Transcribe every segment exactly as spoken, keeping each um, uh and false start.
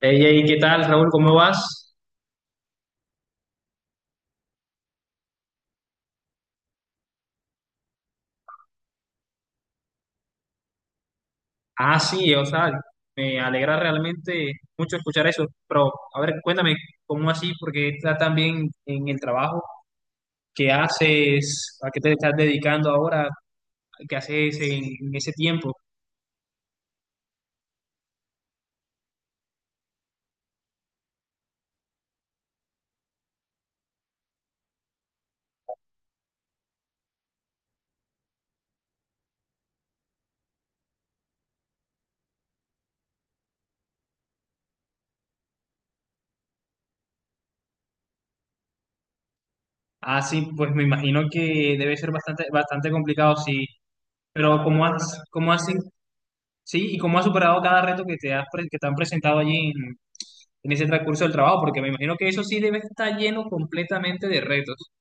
Hey, hey, ¿qué tal, Raúl? ¿Cómo vas? Ah, sí, o sea, me alegra realmente mucho escuchar eso, pero a ver, cuéntame, ¿cómo así? Porque estás tan bien en el trabajo. ¿Qué haces? ¿A qué te estás dedicando ahora? ¿Qué haces en, en ese tiempo? Ah, sí, pues me imagino que debe ser bastante, bastante complicado, sí, pero ¿cómo has, cómo has, sí, y cómo has superado cada reto que te has, pre- que te han presentado allí en, en ese transcurso del trabajo? Porque me imagino que eso sí debe estar lleno completamente de retos.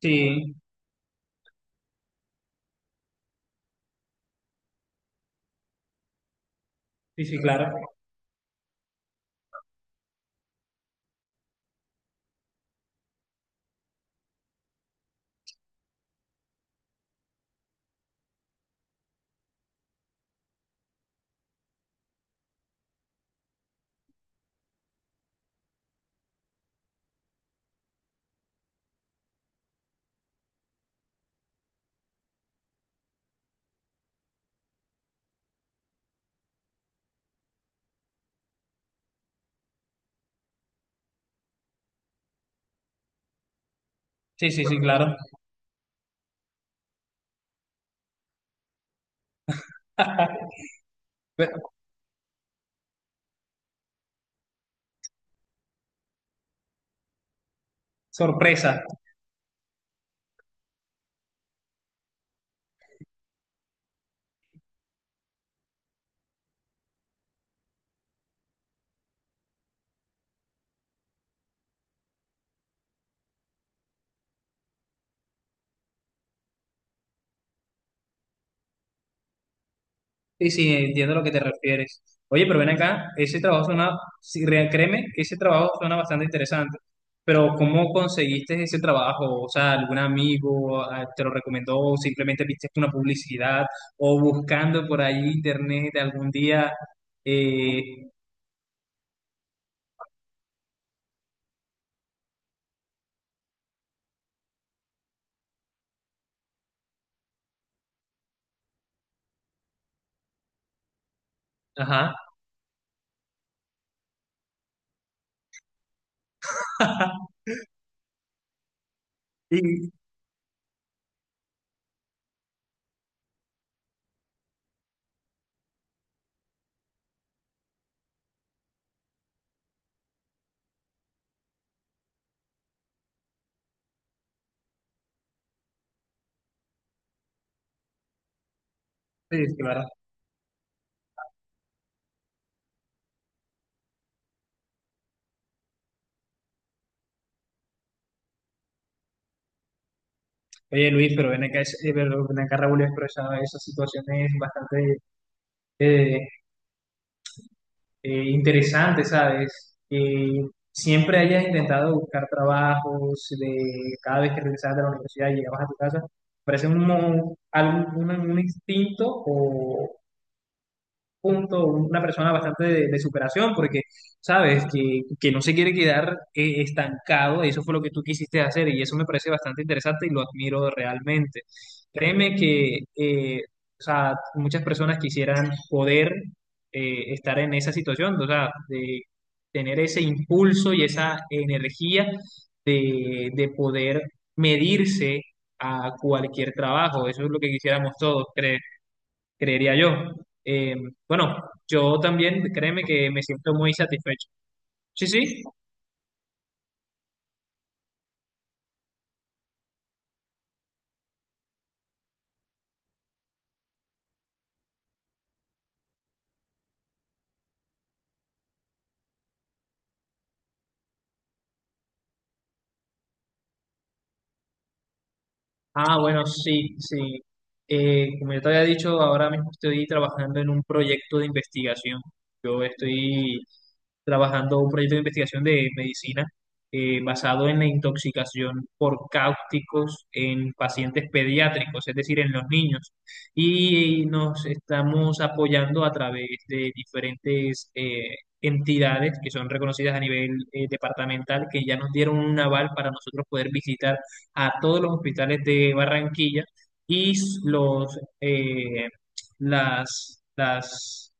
Sí. Sí, sí, claro. Sí, sí, sí, claro. Ve- Sorpresa. Sí, sí, entiendo a lo que te refieres. Oye, pero ven acá, ese trabajo suena, sí, re- créeme, ese trabajo suena bastante interesante. Pero ¿cómo conseguiste ese trabajo? O sea, ¿algún amigo ah, te lo recomendó o simplemente viste una publicidad o buscando por ahí internet algún día? eh, ajá. Sí, sí, sí, claro. Oye, Luis, pero ven acá, es- eh, pero ven acá, Raúl, pero esa, esa situación es bastante eh, eh, interesante, ¿sabes? Que siempre hayas intentado buscar trabajos de cada vez que regresabas de la universidad y llegabas a tu casa, parece un, mo- algo- un, un instinto o punto, una persona bastante de, de superación, porque sabes que, que no se quiere quedar eh, estancado, eso fue lo que tú quisiste hacer y eso me parece bastante interesante y lo admiro realmente. Créeme que eh, o sea, muchas personas quisieran poder eh, estar en esa situación, o sea, de tener ese impulso y esa energía de, de poder medirse a cualquier trabajo, eso es lo que quisiéramos todos, creo creería yo. Eh, bueno, yo también, créeme que me siento muy satisfecho. Sí, sí. Ah, bueno, sí, sí. Eh, como ya te había dicho, ahora mismo estoy trabajando en un proyecto de investigación. Yo estoy trabajando un proyecto de investigación de medicina eh, basado en la intoxicación por cáusticos en pacientes pediátricos, es decir, en los niños. Y nos estamos apoyando a través de diferentes eh, entidades que son reconocidas a nivel eh, departamental, que ya nos dieron un aval para nosotros poder visitar a todos los hospitales de Barranquilla y los, eh, las, las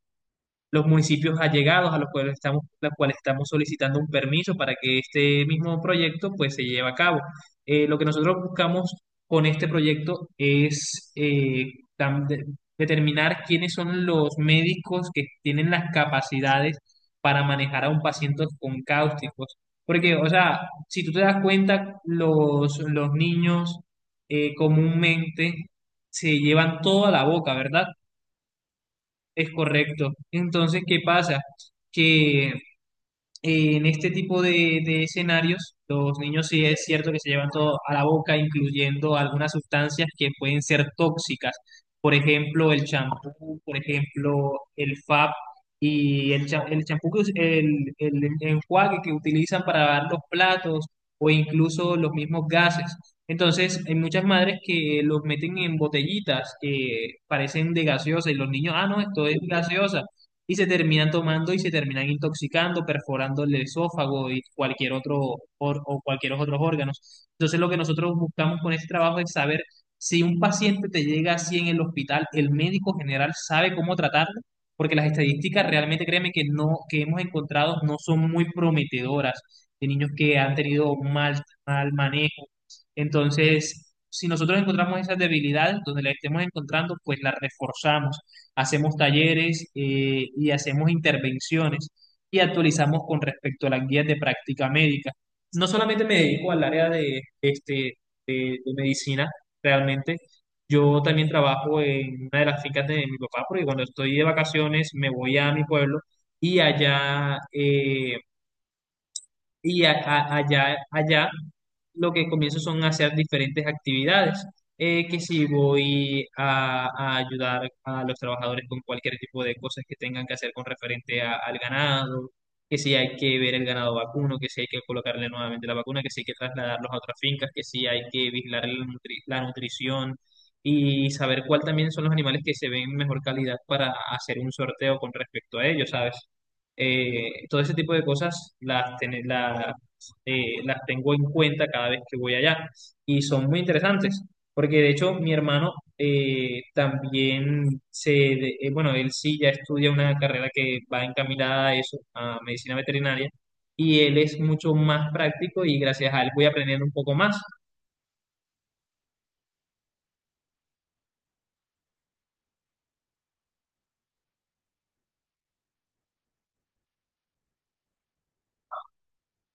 los municipios allegados a los cuales estamos, los cuales estamos solicitando un permiso para que este mismo proyecto pues se lleve a cabo. Eh, lo que nosotros buscamos con este proyecto es eh, tam- de- determinar quiénes son los médicos que tienen las capacidades para manejar a un paciente con cáusticos. Porque, o sea, si tú te das cuenta, los, los niños eh, comúnmente se llevan toda la boca, ¿verdad? Es correcto. Entonces, ¿qué pasa? Que eh, En este tipo de, de escenarios, los niños sí es cierto que se llevan todo a la boca, incluyendo algunas sustancias que pueden ser tóxicas. Por ejemplo, el champú, por ejemplo, el FAB y el, cha- el champú, que us- el, el enjuague que utilizan para lavar los platos o incluso los mismos gases. Entonces, hay muchas madres que los meten en botellitas que parecen de gaseosa y los niños, ah, no, esto es gaseosa y se terminan tomando y se terminan intoxicando, perforando el esófago y cualquier otro or- o cualquier otros órganos. Entonces, lo que nosotros buscamos con este trabajo es saber si un paciente te llega así en el hospital, el médico general sabe cómo tratarlo, porque las estadísticas realmente, créeme que no que hemos encontrado no son muy prometedoras de niños que han tenido mal mal manejo. Entonces, si nosotros encontramos esas debilidades donde las estemos encontrando, pues las reforzamos, hacemos talleres eh, y hacemos intervenciones y actualizamos con respecto a las guías de práctica médica. No solamente me dedico al área de, este, de, de medicina, realmente. Yo también trabajo en una de las fincas de mi papá, porque cuando estoy de vacaciones me voy a mi pueblo y allá eh, y a- a- allá, allá lo que comienzo son a hacer diferentes actividades, eh, que si voy a, a ayudar a los trabajadores con cualquier tipo de cosas que tengan que hacer con referente a- al ganado, que si hay que ver el ganado vacuno, que si hay que colocarle nuevamente la vacuna, que si hay que trasladarlos a otras fincas, que si hay que vigilar la nutri- la nutrición y saber cuál también son los animales que se ven en mejor calidad para hacer un sorteo con respecto a ellos, ¿sabes? Eh, todo ese tipo de cosas las, ten- las, eh, las tengo en cuenta cada vez que voy allá y son muy interesantes, porque de hecho mi hermano eh, también se, de- eh, bueno, él sí ya estudia una carrera que va encaminada a eso, a medicina veterinaria, y él es mucho más práctico y gracias a él voy aprendiendo un poco más.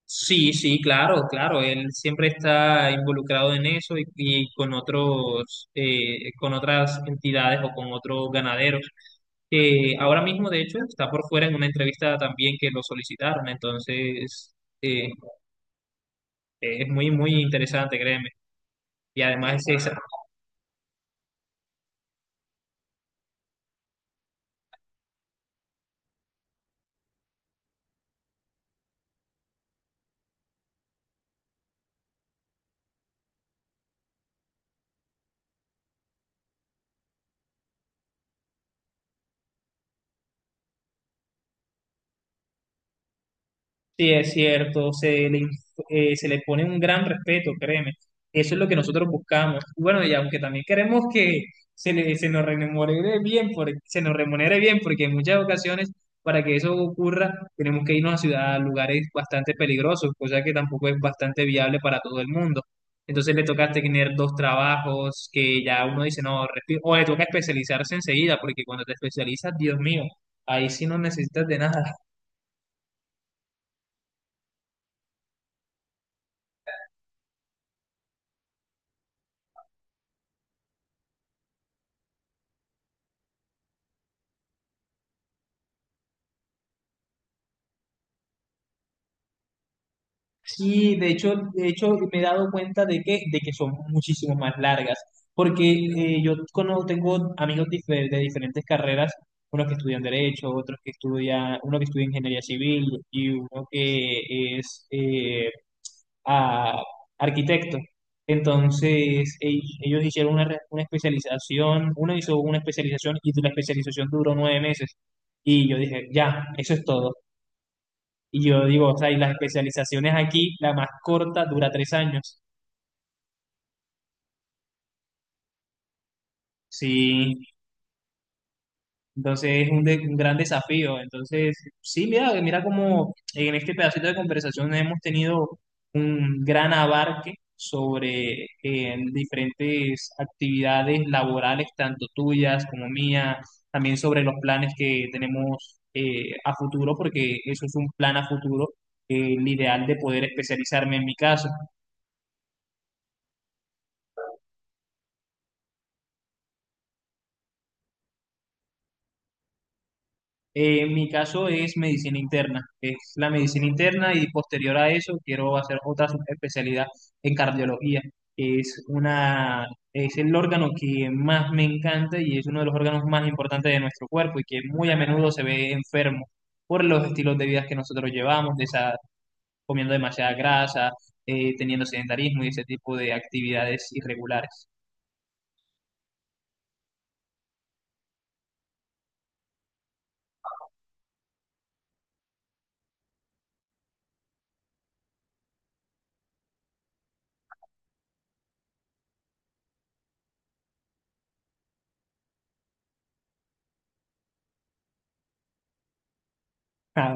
Sí, sí, claro, claro. Él siempre está involucrado en eso y, y con otros, eh, con otras entidades o con otros ganaderos. Que ahora mismo, de hecho, está por fuera en una entrevista también que lo solicitaron, entonces eh, es muy, muy interesante, créeme. Y además es, Sí, es cierto, se le, inf- eh, se le pone un gran respeto, créeme. Eso es lo que nosotros buscamos. Bueno, y aunque también queremos que se, le, se nos remunere bien, por, se nos remunere bien, porque en muchas ocasiones, para que eso ocurra, tenemos que irnos a ciudad, a lugares bastante peligrosos, cosa que tampoco es bastante viable para todo el mundo. Entonces le toca tener dos trabajos que ya uno dice, no, respi- o le toca especializarse enseguida, porque cuando te especializas, Dios mío, ahí sí no necesitas de nada. Sí, de hecho, de hecho me he dado cuenta de que, de que son muchísimo más largas, porque eh, yo cono- tengo amigos dife- de diferentes carreras, unos que estudian derecho, otros que estudian, uno que estudia ingeniería civil y uno que es eh, a- arquitecto. Entonces, e- ellos hicieron una, re- una especialización, uno hizo una especialización y la especialización duró nueve meses. Y yo dije, ya, eso es todo. Y yo digo, o sea, y las especializaciones aquí, la más corta dura tres años. Sí, entonces es un, de- un gran desafío. Entonces, sí, mira, mira cómo en este pedacito de conversación hemos tenido un gran abarque sobre eh, diferentes actividades laborales, tanto tuyas como mías, también sobre los planes que tenemos eh, a futuro, porque eso es un plan a futuro, eh, el ideal de poder especializarme en mi caso. Eh, en mi caso es medicina interna, es la medicina interna y posterior a eso quiero hacer otra especialidad en cardiología, que es una, es el órgano que más me encanta y es uno de los órganos más importantes de nuestro cuerpo y que muy a menudo se ve enfermo por los estilos de vida que nosotros llevamos, de esa- comiendo demasiada grasa, eh, teniendo sedentarismo y ese tipo de actividades irregulares.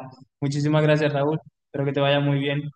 Muchísimas gracias, Raúl. Espero que te vaya muy bien.